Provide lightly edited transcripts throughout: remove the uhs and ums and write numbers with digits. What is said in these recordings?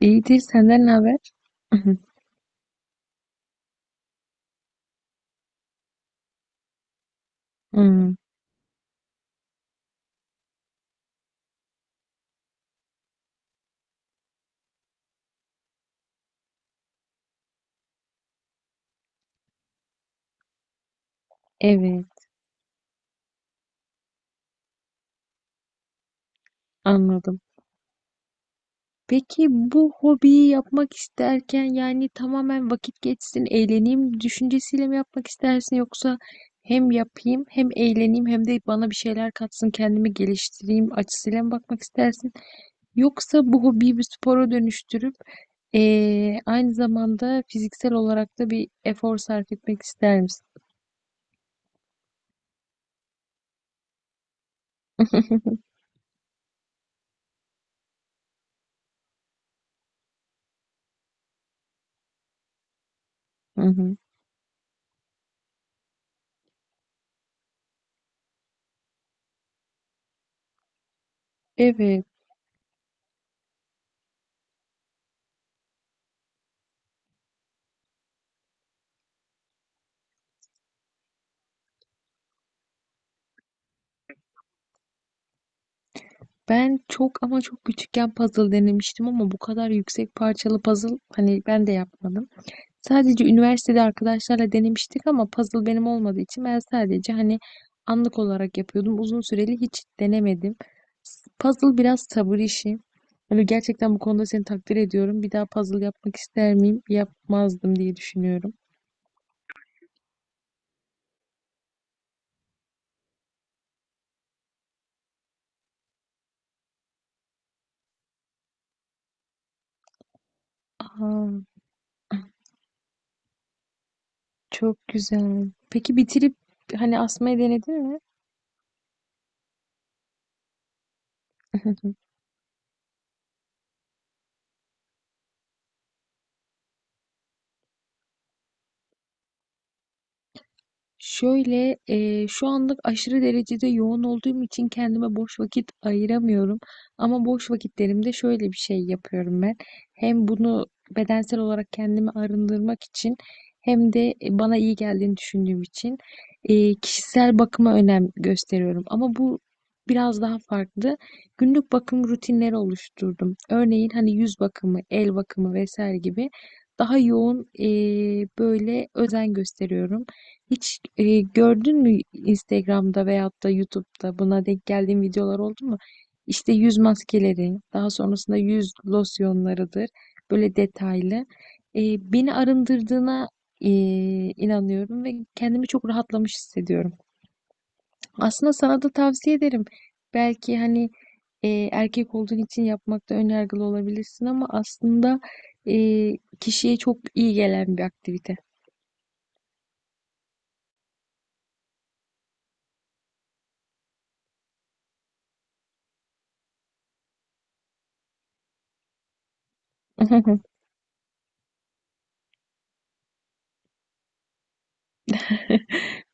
İyidir, senden ne haber? Hmm, evet, anladım. Peki bu hobiyi yapmak isterken yani tamamen vakit geçsin, eğleneyim düşüncesiyle mi yapmak istersin yoksa hem yapayım hem eğleneyim hem de bana bir şeyler katsın, kendimi geliştireyim açısıyla mı bakmak istersin? Yoksa bu hobiyi bir spora dönüştürüp aynı zamanda fiziksel olarak da bir efor sarf etmek ister misin? Hı hı. Evet. Ben çok ama çok küçükken puzzle denemiştim ama bu kadar yüksek parçalı puzzle hani ben de yapmadım. Sadece üniversitede arkadaşlarla denemiştik ama puzzle benim olmadığı için ben sadece hani anlık olarak yapıyordum. Uzun süreli hiç denemedim. Puzzle biraz sabır işi. Hani gerçekten bu konuda seni takdir ediyorum. Bir daha puzzle yapmak ister miyim? Yapmazdım diye düşünüyorum. Aa, çok güzel. Peki bitirip hani asmayı denedin mi? Şöyle, şu anlık aşırı derecede yoğun olduğum için kendime boş vakit ayıramıyorum. Ama boş vakitlerimde şöyle bir şey yapıyorum ben. Hem bunu bedensel olarak kendimi arındırmak için hem de bana iyi geldiğini düşündüğüm için kişisel bakıma önem gösteriyorum. Ama bu biraz daha farklı. Günlük bakım rutinleri oluşturdum. Örneğin hani yüz bakımı, el bakımı vesaire gibi daha yoğun böyle özen gösteriyorum. Hiç gördün mü Instagram'da veyahut da YouTube'da buna denk geldiğin videolar oldu mu? İşte yüz maskeleri, daha sonrasında yüz losyonlarıdır. Böyle detaylı. Beni arındırdığına e, inanıyorum ve kendimi çok rahatlamış hissediyorum. Aslında sana da tavsiye ederim. Belki hani erkek olduğun için yapmakta ön yargılı olabilirsin ama aslında e, kişiye çok iyi gelen bir aktivite.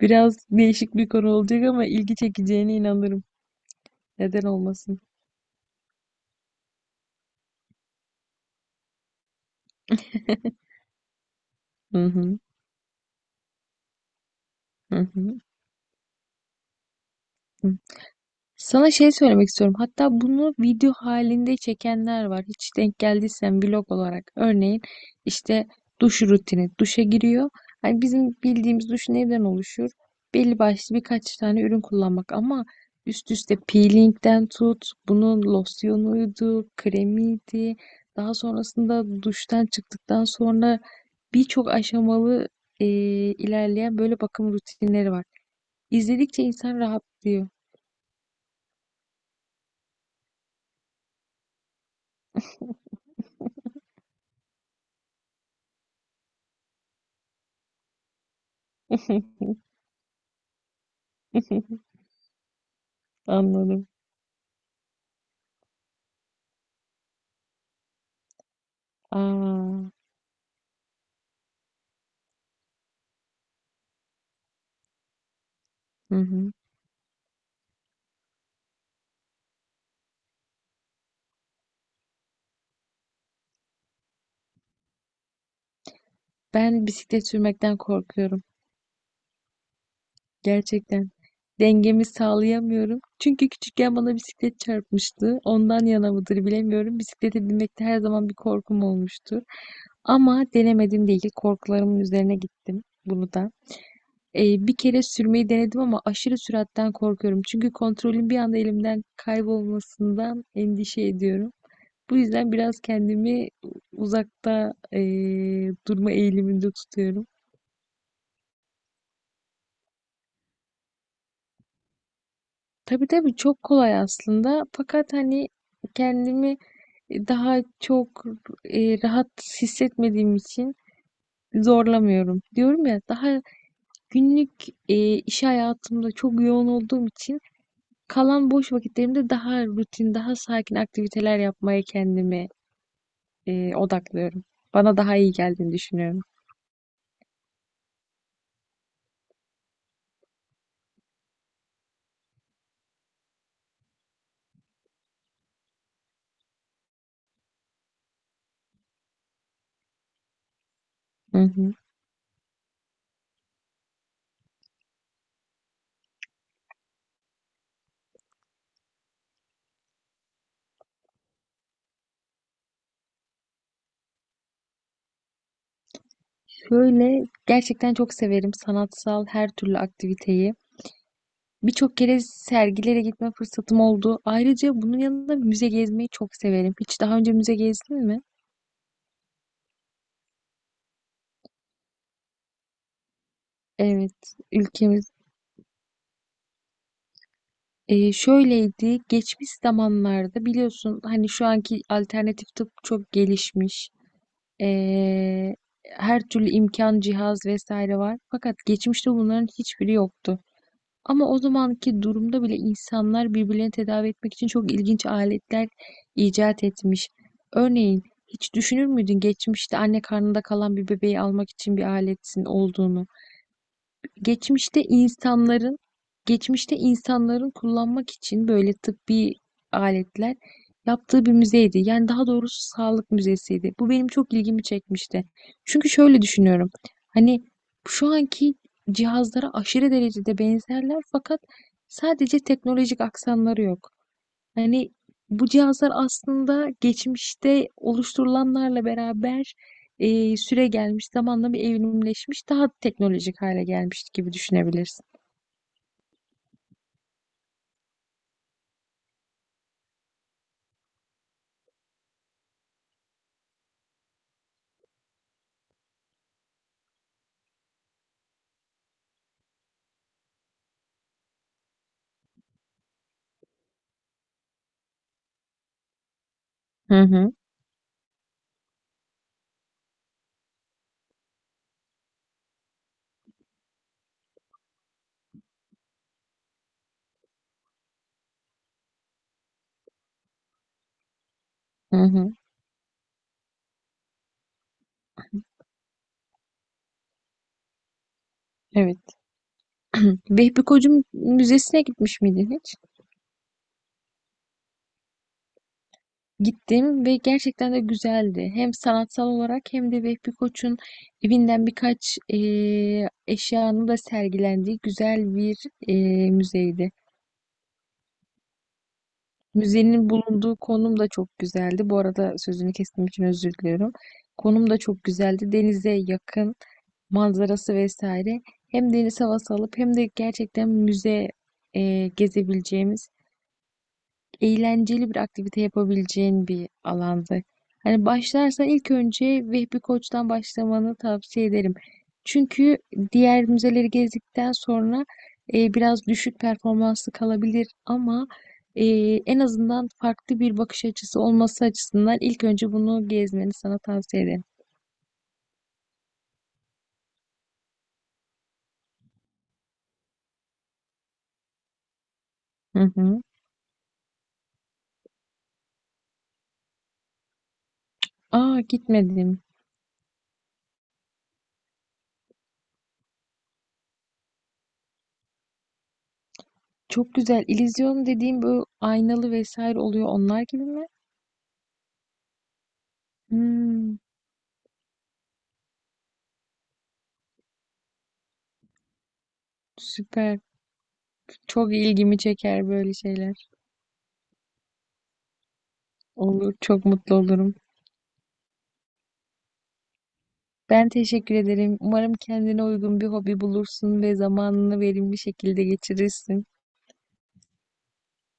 Biraz değişik bir konu olacak ama ilgi çekeceğine inanırım. Neden olmasın? Hı hı, hı hı. Sana şey söylemek istiyorum. Hatta bunu video halinde çekenler var. Hiç denk geldiysen vlog olarak. Örneğin işte duş rutini. Duşa giriyor. Hani bizim bildiğimiz duş neden oluşur? Belli başlı birkaç tane ürün kullanmak ama üst üste peelingden tut, bunun losyonuydu, kremiydi. Daha sonrasında duştan çıktıktan sonra birçok aşamalı e, ilerleyen böyle bakım rutinleri var. İzledikçe insan rahatlıyor. Anladım. Aa, hı hı. Ben bisiklet sürmekten korkuyorum. Gerçekten. Dengemi sağlayamıyorum. Çünkü küçükken bana bisiklet çarpmıştı. Ondan yana mıdır bilemiyorum. Bisiklete binmekte her zaman bir korkum olmuştur. Ama denemedim değil. Korkularımın üzerine gittim bunu da. Bir kere sürmeyi denedim ama aşırı süratten korkuyorum. Çünkü kontrolün bir anda elimden kaybolmasından endişe ediyorum. Bu yüzden biraz kendimi uzakta durma eğiliminde tutuyorum. Tabii tabii çok kolay aslında. Fakat hani kendimi daha çok rahat hissetmediğim için zorlamıyorum. Diyorum ya daha günlük iş hayatımda çok yoğun olduğum için kalan boş vakitlerimde daha rutin, daha sakin aktiviteler yapmaya kendimi odaklıyorum. Bana daha iyi geldiğini düşünüyorum. Hı hı. Şöyle gerçekten çok severim sanatsal her türlü aktiviteyi. Birçok kere sergilere gitme fırsatım oldu. Ayrıca bunun yanında müze gezmeyi çok severim. Hiç daha önce müze gezdin mi? Evet, ülkemiz. Şöyleydi, geçmiş zamanlarda biliyorsun hani şu anki alternatif tıp çok gelişmiş. Eee, Her türlü imkan, cihaz vesaire var. Fakat geçmişte bunların hiçbiri yoktu. Ama o zamanki durumda bile insanlar birbirlerini tedavi etmek için çok ilginç aletler icat etmiş. Örneğin hiç düşünür müydün geçmişte anne karnında kalan bir bebeği almak için bir aletin olduğunu? geçmişte insanların geçmişte insanların kullanmak için böyle tıbbi aletler yaptığı bir müzeydi. Yani daha doğrusu sağlık müzesiydi. Bu benim çok ilgimi çekmişti. Çünkü şöyle düşünüyorum. Hani şu anki cihazlara aşırı derecede benzerler fakat sadece teknolojik aksanları yok. Hani bu cihazlar aslında geçmişte oluşturulanlarla beraber süre gelmiş, zamanla bir evrimleşmiş, daha teknolojik hale gelmiş gibi düşünebilirsin. Hı hı, hı hı, evet. Vehbi Koç'un müzesine gitmiş miydin hiç? Gittim ve gerçekten de güzeldi. Hem sanatsal olarak hem de Vehbi Koç'un evinden birkaç eşyanın da sergilendiği güzel bir müzeydi. Müzenin bulunduğu konum da çok güzeldi. Bu arada sözünü kestiğim için özür diliyorum. Konum da çok güzeldi. Denize yakın, manzarası vesaire. Hem deniz havası alıp hem de gerçekten müze gezebileceğimiz eğlenceli bir aktivite yapabileceğin bir alanda. Hani başlarsan ilk önce Vehbi Koç'tan başlamanı tavsiye ederim. Çünkü diğer müzeleri gezdikten sonra biraz düşük performanslı kalabilir ama e, en azından farklı bir bakış açısı olması açısından ilk önce bunu gezmeni sana tavsiye ederim. Hı hı. Aa, gitmedim. Çok güzel. İllüzyon dediğim bu aynalı vesaire oluyor onlar gibi mi? Hmm, süper. Çok ilgimi çeker böyle şeyler. Olur, çok mutlu olurum. Ben teşekkür ederim. Umarım kendine uygun bir hobi bulursun ve zamanını verimli şekilde geçirirsin.